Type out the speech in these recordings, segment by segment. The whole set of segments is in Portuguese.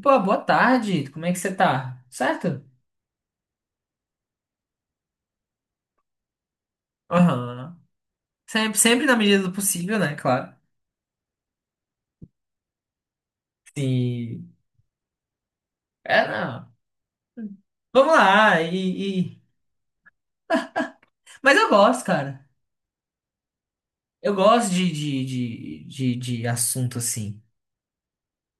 Pô, boa tarde. Como é que você tá? Certo? Aham. Sempre na medida do possível, né? Claro. Sim. É, não. Vamos lá. Mas eu gosto, cara. Eu gosto de, de assunto assim.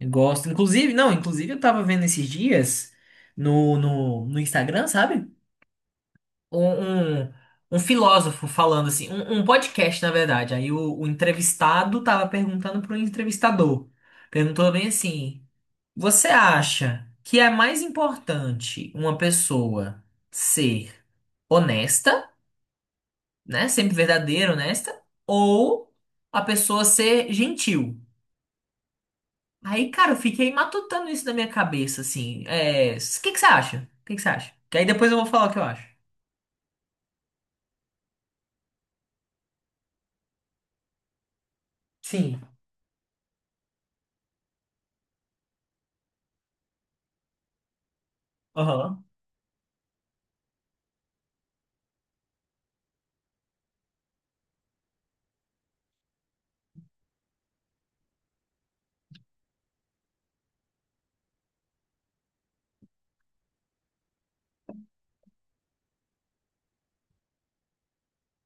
Eu gosto. Inclusive, não, inclusive eu tava vendo esses dias no Instagram, sabe? Um, um, um filósofo falando assim, um podcast, na verdade. Aí o entrevistado tava perguntando pro entrevistador. Perguntou bem assim. Você acha que é mais importante uma pessoa ser honesta, né? Sempre verdadeira, honesta, ou a pessoa ser gentil? Aí, cara, eu fiquei matutando isso na minha cabeça, assim. É, o que que você acha? O que que você acha? Que aí depois eu vou falar o que eu acho. Sim. Aham.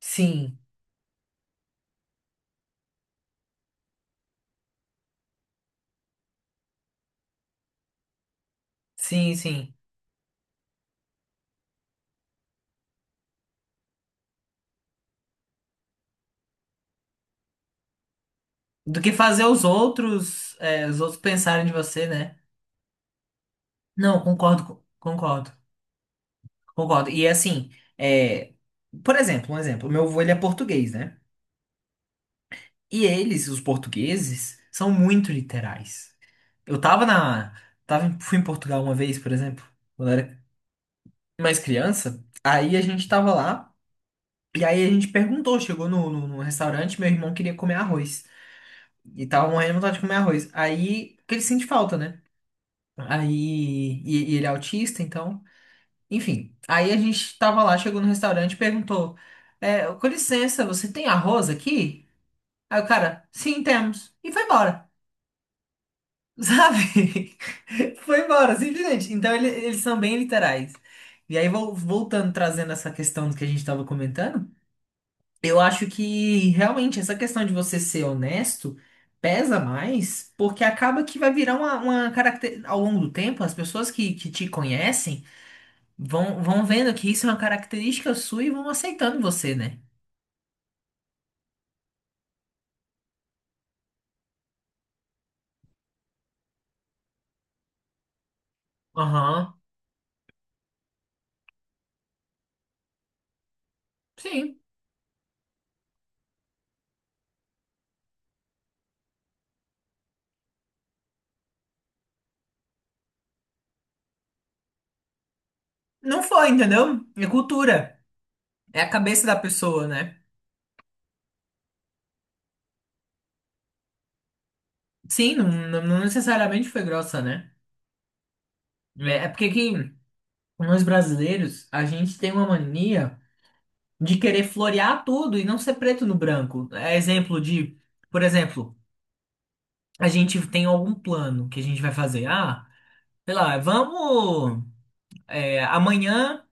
Sim. Sim, sim. Do que fazer os outros, é, os outros pensarem de você, né? Não, concordo, concordo. Concordo. E assim, é, por exemplo, um exemplo, meu avô ele é português, né? E eles, os portugueses, são muito literais. Eu tava na, fui em Portugal uma vez, por exemplo, quando eu era mais criança. Aí a gente tava lá e aí a gente perguntou, chegou no restaurante, meu irmão queria comer arroz e tava morrendo de vontade de comer arroz. Aí que ele sente falta, né? Aí e ele é autista, então enfim, aí a gente tava lá, chegou no restaurante e perguntou: é, com licença, você tem arroz aqui? Aí o cara, sim, temos. E foi embora, sabe? Foi embora, simplesmente. Então ele- eles são bem literais. E aí, voltando, trazendo essa questão do que a gente tava comentando, eu acho que realmente essa questão de você ser honesto pesa mais, porque acaba que vai virar uma característica. Ao longo do tempo, as pessoas que te conhecem. Vão vendo que isso é uma característica sua e vão aceitando você, né? Aham. Sim. Não foi, entendeu? É cultura. É a cabeça da pessoa, né? Sim, não, não não necessariamente foi grossa, né? É porque que nós brasileiros, a gente tem uma mania de querer florear tudo e não ser preto no branco. É exemplo de, por exemplo, a gente tem algum plano que a gente vai fazer. Ah, sei lá, vamos, é, amanhã.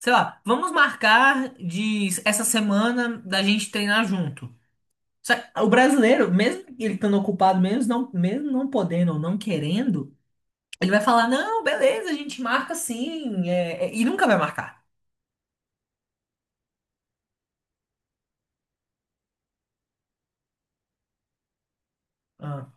Sei lá, vamos marcar de essa semana da gente treinar junto. Só que o brasileiro, mesmo ele estando ocupado, mesmo não podendo ou não querendo, ele vai falar: não, beleza, a gente marca sim, é, é", e nunca vai marcar. Ah.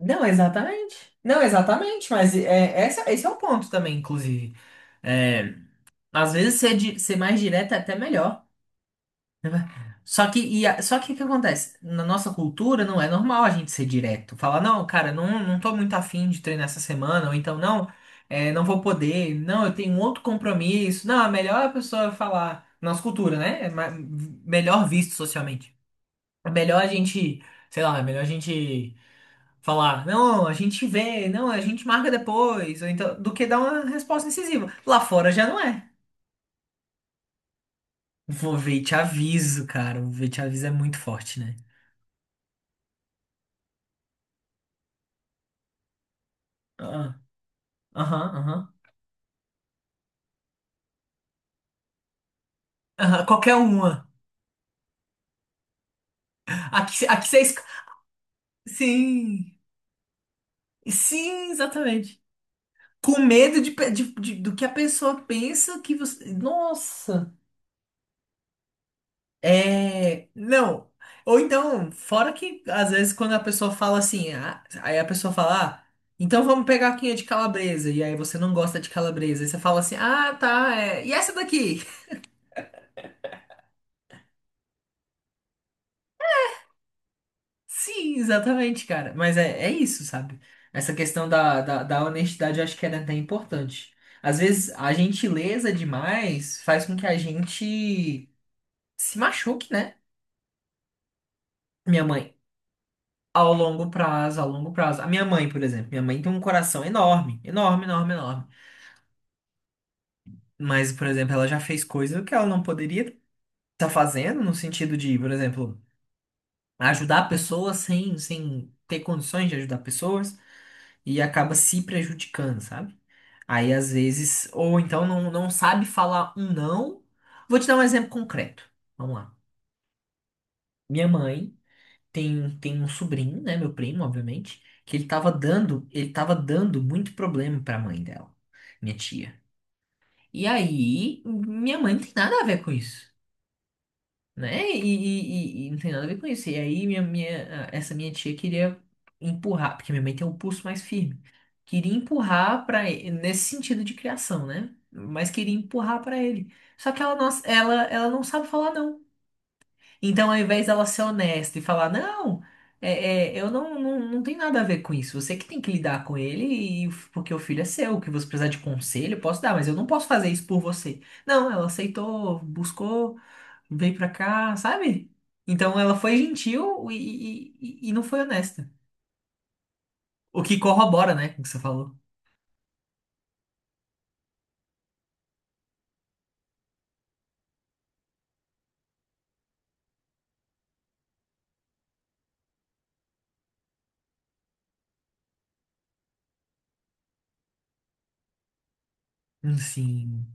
Não, exatamente. Não, exatamente, mas é, essa, esse é o ponto também, inclusive. É, às vezes ser, ser mais direto é até melhor. Só que, só que o que acontece? Na nossa cultura não é normal a gente ser direto. Falar, não, cara, não, não tô muito afim de treinar essa semana, ou então, não, é, não vou poder, não, eu tenho outro compromisso. Não, é melhor é a pessoa falar. Nossa cultura, né? Melhor visto socialmente. É melhor a gente, sei lá, é melhor a gente falar, não, a gente vê, não, a gente marca depois, ou então, do que dar uma resposta incisiva. Lá fora já não é. Vou ver e te aviso, cara. O ver e te aviso é muito forte, né? Aham, aham. Aham, qualquer uma. Aqui, aqui você Sim, sim, exatamente. Com medo de, do que a pessoa pensa que você. Nossa! É. Não. Ou então, fora que às vezes quando a pessoa fala assim, ah, aí a pessoa fala, ah, então vamos pegar aqui a de calabresa. E aí você não gosta de calabresa. E você fala assim, ah, tá, é. E essa daqui? Sim, exatamente, cara. Mas é, é isso, sabe? Essa questão da honestidade eu acho que era até importante. Às vezes a gentileza demais faz com que a gente se machuque, né? Minha mãe, ao longo prazo, ao longo prazo. A minha mãe, por exemplo, minha mãe tem um coração enorme, enorme. Mas, por exemplo, ela já fez coisa que ela não poderia estar fazendo, no sentido de, por exemplo, ajudar pessoas sem, sem ter condições de ajudar pessoas e acaba se prejudicando, sabe? Aí às vezes, ou então não, não sabe falar um não. Vou te dar um exemplo concreto. Vamos lá. Minha mãe tem um sobrinho, né? Meu primo, obviamente, que ele tava dando muito problema pra mãe dela, minha tia. E aí, minha mãe não tem nada a ver com isso. Né? E não tem nada a ver com isso. E aí essa minha tia queria empurrar, porque minha mãe tem um pulso mais firme. Queria empurrar para nesse sentido de criação, né? Mas queria empurrar para ele. Só que ela não, ela não sabe falar não. Então, ao invés dela ser honesta e falar, não, é, é, eu não, não, não tem nada a ver com isso. Você que tem que lidar com ele, e, porque o filho é seu. O que você precisar de conselho, eu posso dar, mas eu não posso fazer isso por você. Não, ela aceitou, buscou, veio pra cá, sabe? Então ela foi gentil e não foi honesta. O que corrobora, né, com o que você falou. Sim.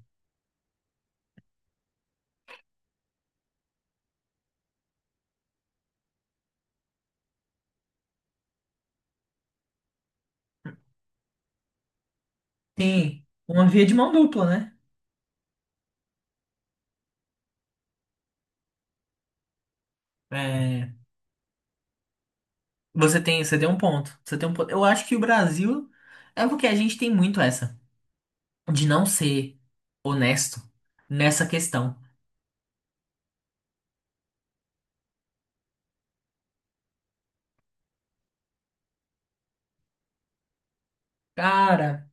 Tem uma via de mão dupla, né? É, você tem um ponto. Você tem um ponto. Eu acho que o Brasil é porque a gente tem muito essa de não ser honesto nessa questão. Cara,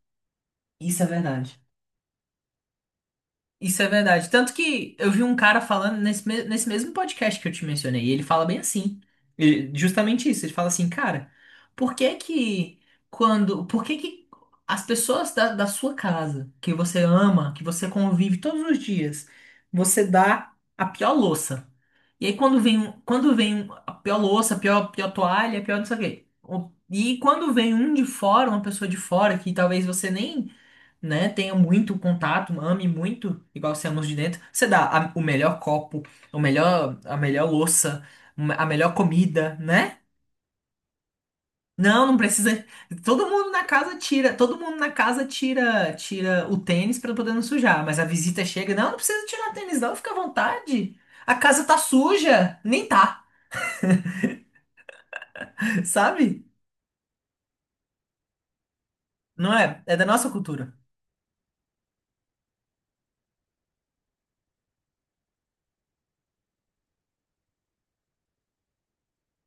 isso é verdade. Isso é verdade. Tanto que eu vi um cara falando nesse, nesse mesmo podcast que eu te mencionei, e ele fala bem assim. E justamente isso, ele fala assim, cara, por que que quando, por que que as pessoas da, da sua casa, que você ama, que você convive todos os dias, você dá a pior louça? E aí quando vem, a pior louça, a pior, pior toalha, a pior não sei o quê. E quando vem um de fora, uma pessoa de fora, que talvez você nem, né, tenha muito contato, ame muito, igual você ama os de dentro. Você dá o melhor copo, o melhor, a melhor louça, a melhor comida, né? Não, não precisa. Todo mundo na casa tira, tira o tênis pra poder não sujar, mas a visita chega, não, não precisa tirar o tênis não, fica à vontade. A casa tá suja, nem tá, sabe? Não é? É da nossa cultura.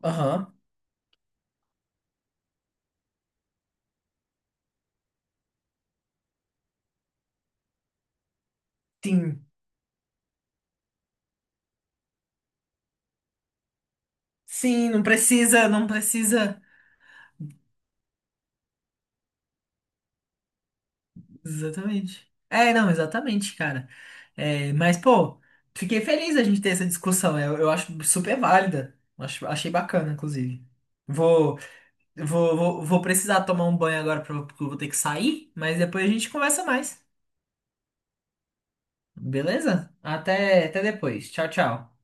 Aham. Sim. Sim, não precisa, não precisa. Exatamente. É, não, exatamente, cara. É, mas, pô, fiquei feliz da gente ter essa discussão. Eu acho super válida. Acho, achei bacana, inclusive. Vou, vou precisar tomar um banho agora pra- porque eu vou ter que sair, mas depois a gente conversa mais. Beleza? Até, até depois. Tchau, tchau.